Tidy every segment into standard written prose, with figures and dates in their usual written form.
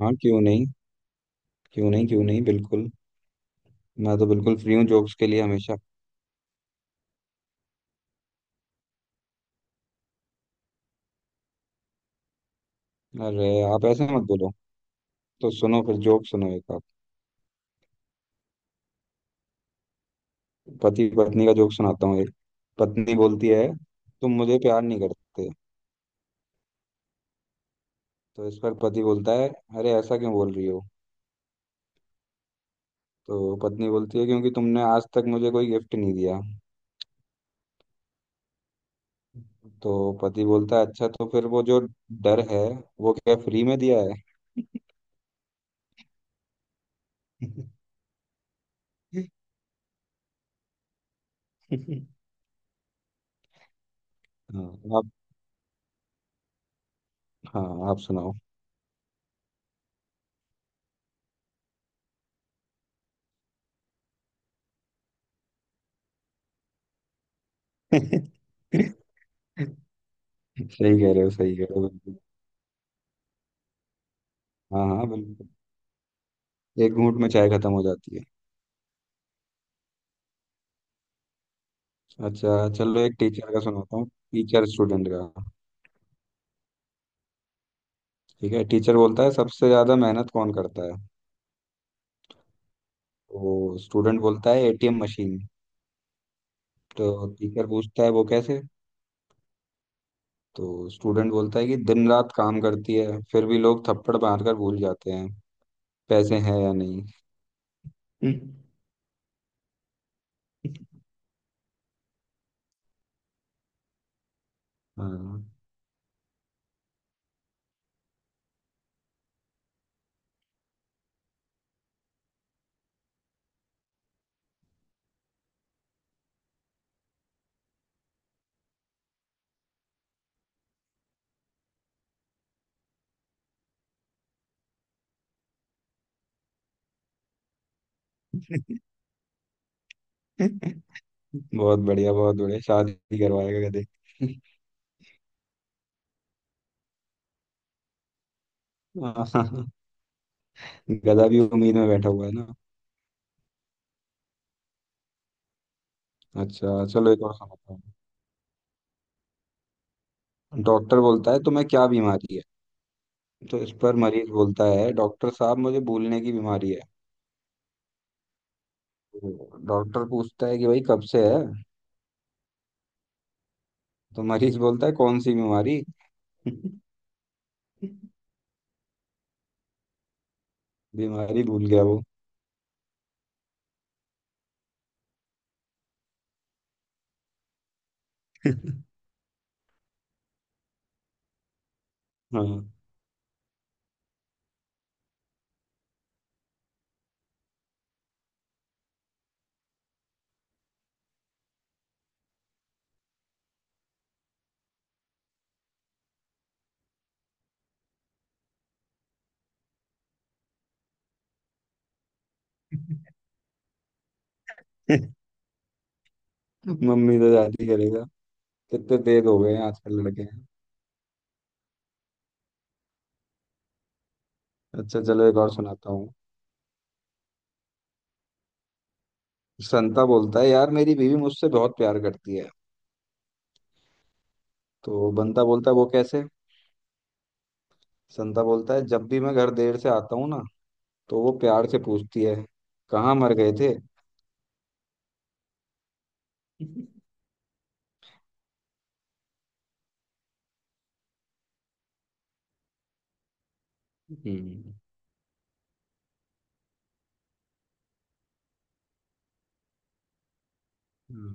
हाँ क्यों नहीं क्यों नहीं बिल्कुल। मैं तो बिल्कुल फ्री हूँ जोक्स के लिए हमेशा। अरे आप ऐसे मत बोलो। तो सुनो फिर जोक सुनो एक आप। पति पत्नी का जोक सुनाता हूँ एक। पत्नी बोलती है तुम मुझे प्यार नहीं करते। तो इस पर पति बोलता है अरे ऐसा क्यों बोल रही हो। तो पत्नी बोलती है क्योंकि तुमने आज तक मुझे कोई गिफ्ट नहीं दिया। तो पति बोलता है अच्छा तो फिर वो जो डर है वो क्या फ्री में दिया है? हाँ आप। हाँ आप सुनाओ। सही कह रहे हो बिल्कुल। हाँ हाँ बिल्कुल। एक घूंट में चाय खत्म हो जाती है। अच्छा चलो एक टीचर का सुनाता हूँ। टीचर स्टूडेंट का। ठीक है, टीचर बोलता है सबसे ज्यादा मेहनत कौन करता है? तो स्टूडेंट बोलता है एटीएम मशीन। तो टीचर पूछता है वो कैसे? तो स्टूडेंट बोलता है कि दिन रात काम करती है फिर भी लोग थप्पड़ मारकर भूल जाते हैं पैसे हैं या नहीं। हाँ। बहुत बढ़िया, बहुत बढ़िया। शादी करवाएगा गधे। हाँ हाँ। गधा भी उम्मीद में बैठा हुआ है ना। अच्छा चलो एक और सुनाता हूँ। डॉक्टर बोलता है तुम्हें क्या बीमारी है? तो इस पर मरीज बोलता है डॉक्टर साहब मुझे भूलने की बीमारी है। तो डॉक्टर पूछता है कि भाई कब से है? तो मरीज बोलता है कौन सी बीमारी? बीमारी भूल गया वो। हाँ। मम्मी तो शादी करेगा। कितने तेज हो गए हैं आजकल लड़के। अच्छा चलो एक और सुनाता हूँ। संता बोलता है यार मेरी बीवी मुझसे बहुत प्यार करती है। तो बंता बोलता है वो कैसे? संता बोलता है जब भी मैं घर देर से आता हूँ ना तो वो प्यार से पूछती है कहाँ मर गए थे। हम्म हम्म।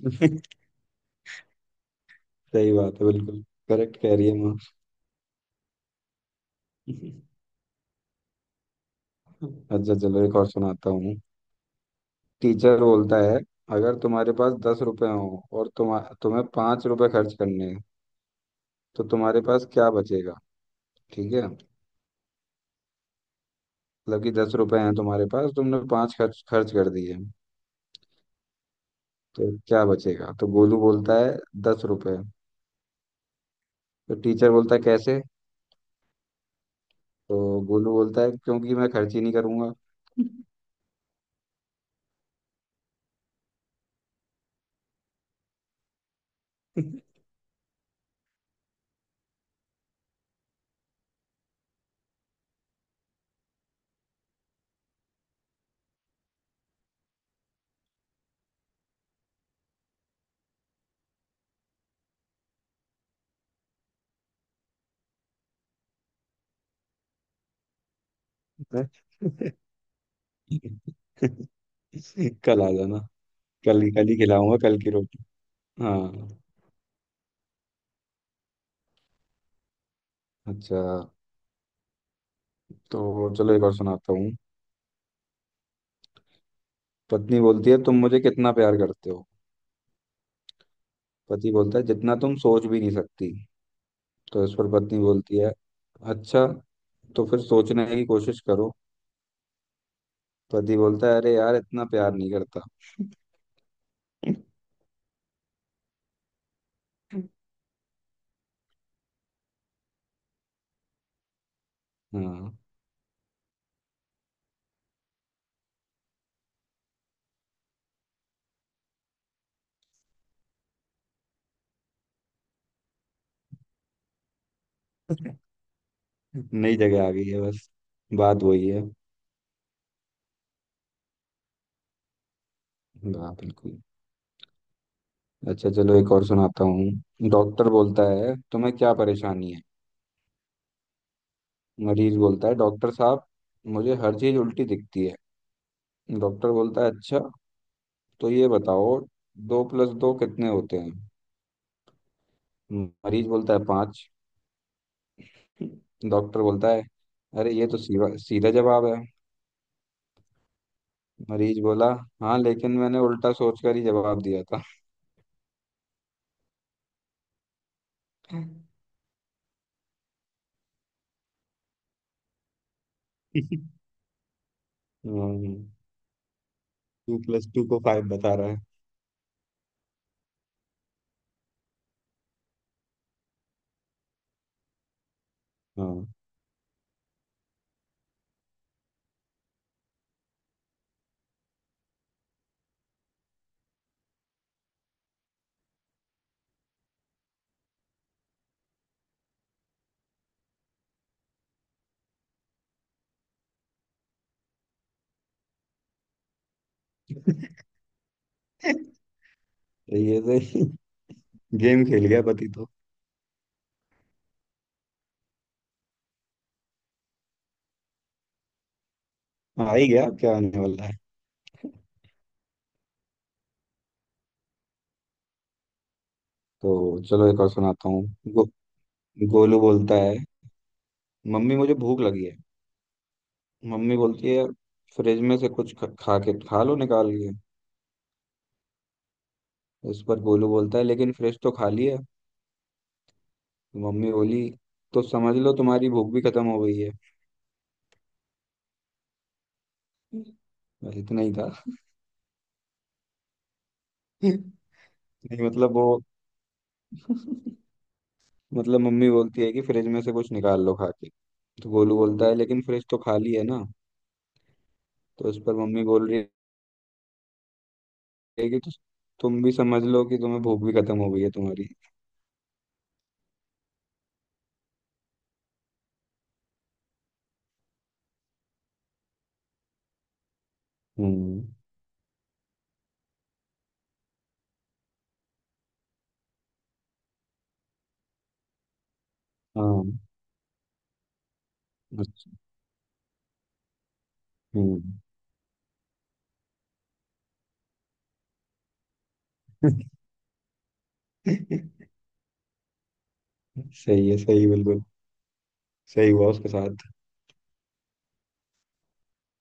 सही बात है बिल्कुल। करेक्ट कह रही है माँ। अच्छा चलो एक और सुनाता हूँ। टीचर बोलता है अगर तुम्हारे पास दस रुपए हो और तुम्हें पांच रुपए खर्च करने हैं तो तुम्हारे पास क्या बचेगा? ठीक है, मतलब कि दस रुपए हैं तुम्हारे पास, तुमने पांच खर्च खर्च कर दिए तो क्या बचेगा? तो गोलू बोलता है दस रुपए। तो टीचर बोलता है कैसे? तो गोलू बोलता है क्योंकि मैं खर्च ही नहीं करूंगा। कल आ जाना। कल ही खिलाऊंगा कल की रोटी। हाँ। अच्छा तो चलो एक और सुनाता हूँ। पत्नी बोलती है तुम मुझे कितना प्यार करते हो? पति बोलता है जितना तुम सोच भी नहीं सकती। तो इस पर पत्नी बोलती है अच्छा, तो फिर सोचने की कोशिश करो। पति बोलता है अरे यार इतना प्यार नहीं करता। हाँ। नई जगह आ गई है बस। बात वही है। हाँ बिल्कुल। अच्छा चलो एक और सुनाता हूँ। डॉक्टर बोलता है तुम्हें क्या परेशानी है? मरीज बोलता है डॉक्टर साहब मुझे हर चीज उल्टी दिखती है। डॉक्टर बोलता है अच्छा तो ये बताओ दो प्लस दो कितने होते हैं? मरीज बोलता है पाँच। डॉक्टर बोलता है अरे ये तो सीधा सीधा जवाब है। मरीज बोला हाँ लेकिन मैंने उल्टा सोच कर ही जवाब दिया था। टू प्लस टू को फाइव बता रहा है। हाँ। ये तो गेम खेल गया पति तो। आ ही गया, अब क्या आने वाला है। तो चलो एक और सुनाता हूँ। गोलू बोलता है मम्मी मुझे भूख लगी है। मम्मी बोलती है फ्रिज में से कुछ खा के खा लो निकाल के। इस पर गोलू बोलता है लेकिन फ्रिज तो खाली है। मम्मी बोली तो समझ लो तुम्हारी भूख भी खत्म हो गई है। बस इतना ही था। नहीं, मतलब वो मतलब मम्मी बोलती है कि फ्रिज में से कुछ निकाल लो खा के। तो गोलू बोलता है लेकिन फ्रिज तो खाली है ना। तो इस पर मम्मी बोल रही है कि "तो तुम भी समझ लो कि तुम्हें भूख भी खत्म हो गई है तुम्हारी। हम्म। हाँ। अच्छा। हम्म सही है सही बिल्कुल। सही हुआ उसके साथ।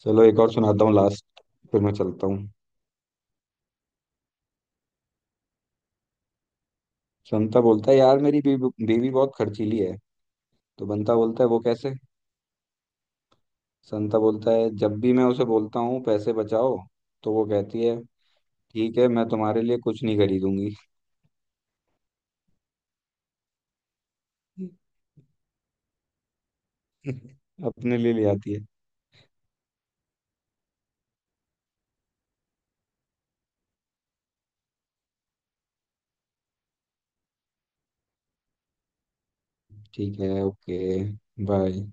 चलो एक और सुनाता हूँ लास्ट, फिर मैं चलता हूँ। संता बोलता है यार मेरी बीवी बीवी बहुत खर्चीली है। तो बंता बोलता है वो कैसे? संता बोलता है जब भी मैं उसे बोलता हूँ पैसे बचाओ तो वो कहती है ठीक है मैं तुम्हारे लिए कुछ नहीं खरीदूंगी। अपने लिए ले आती है। ठीक है, ओके। बाय।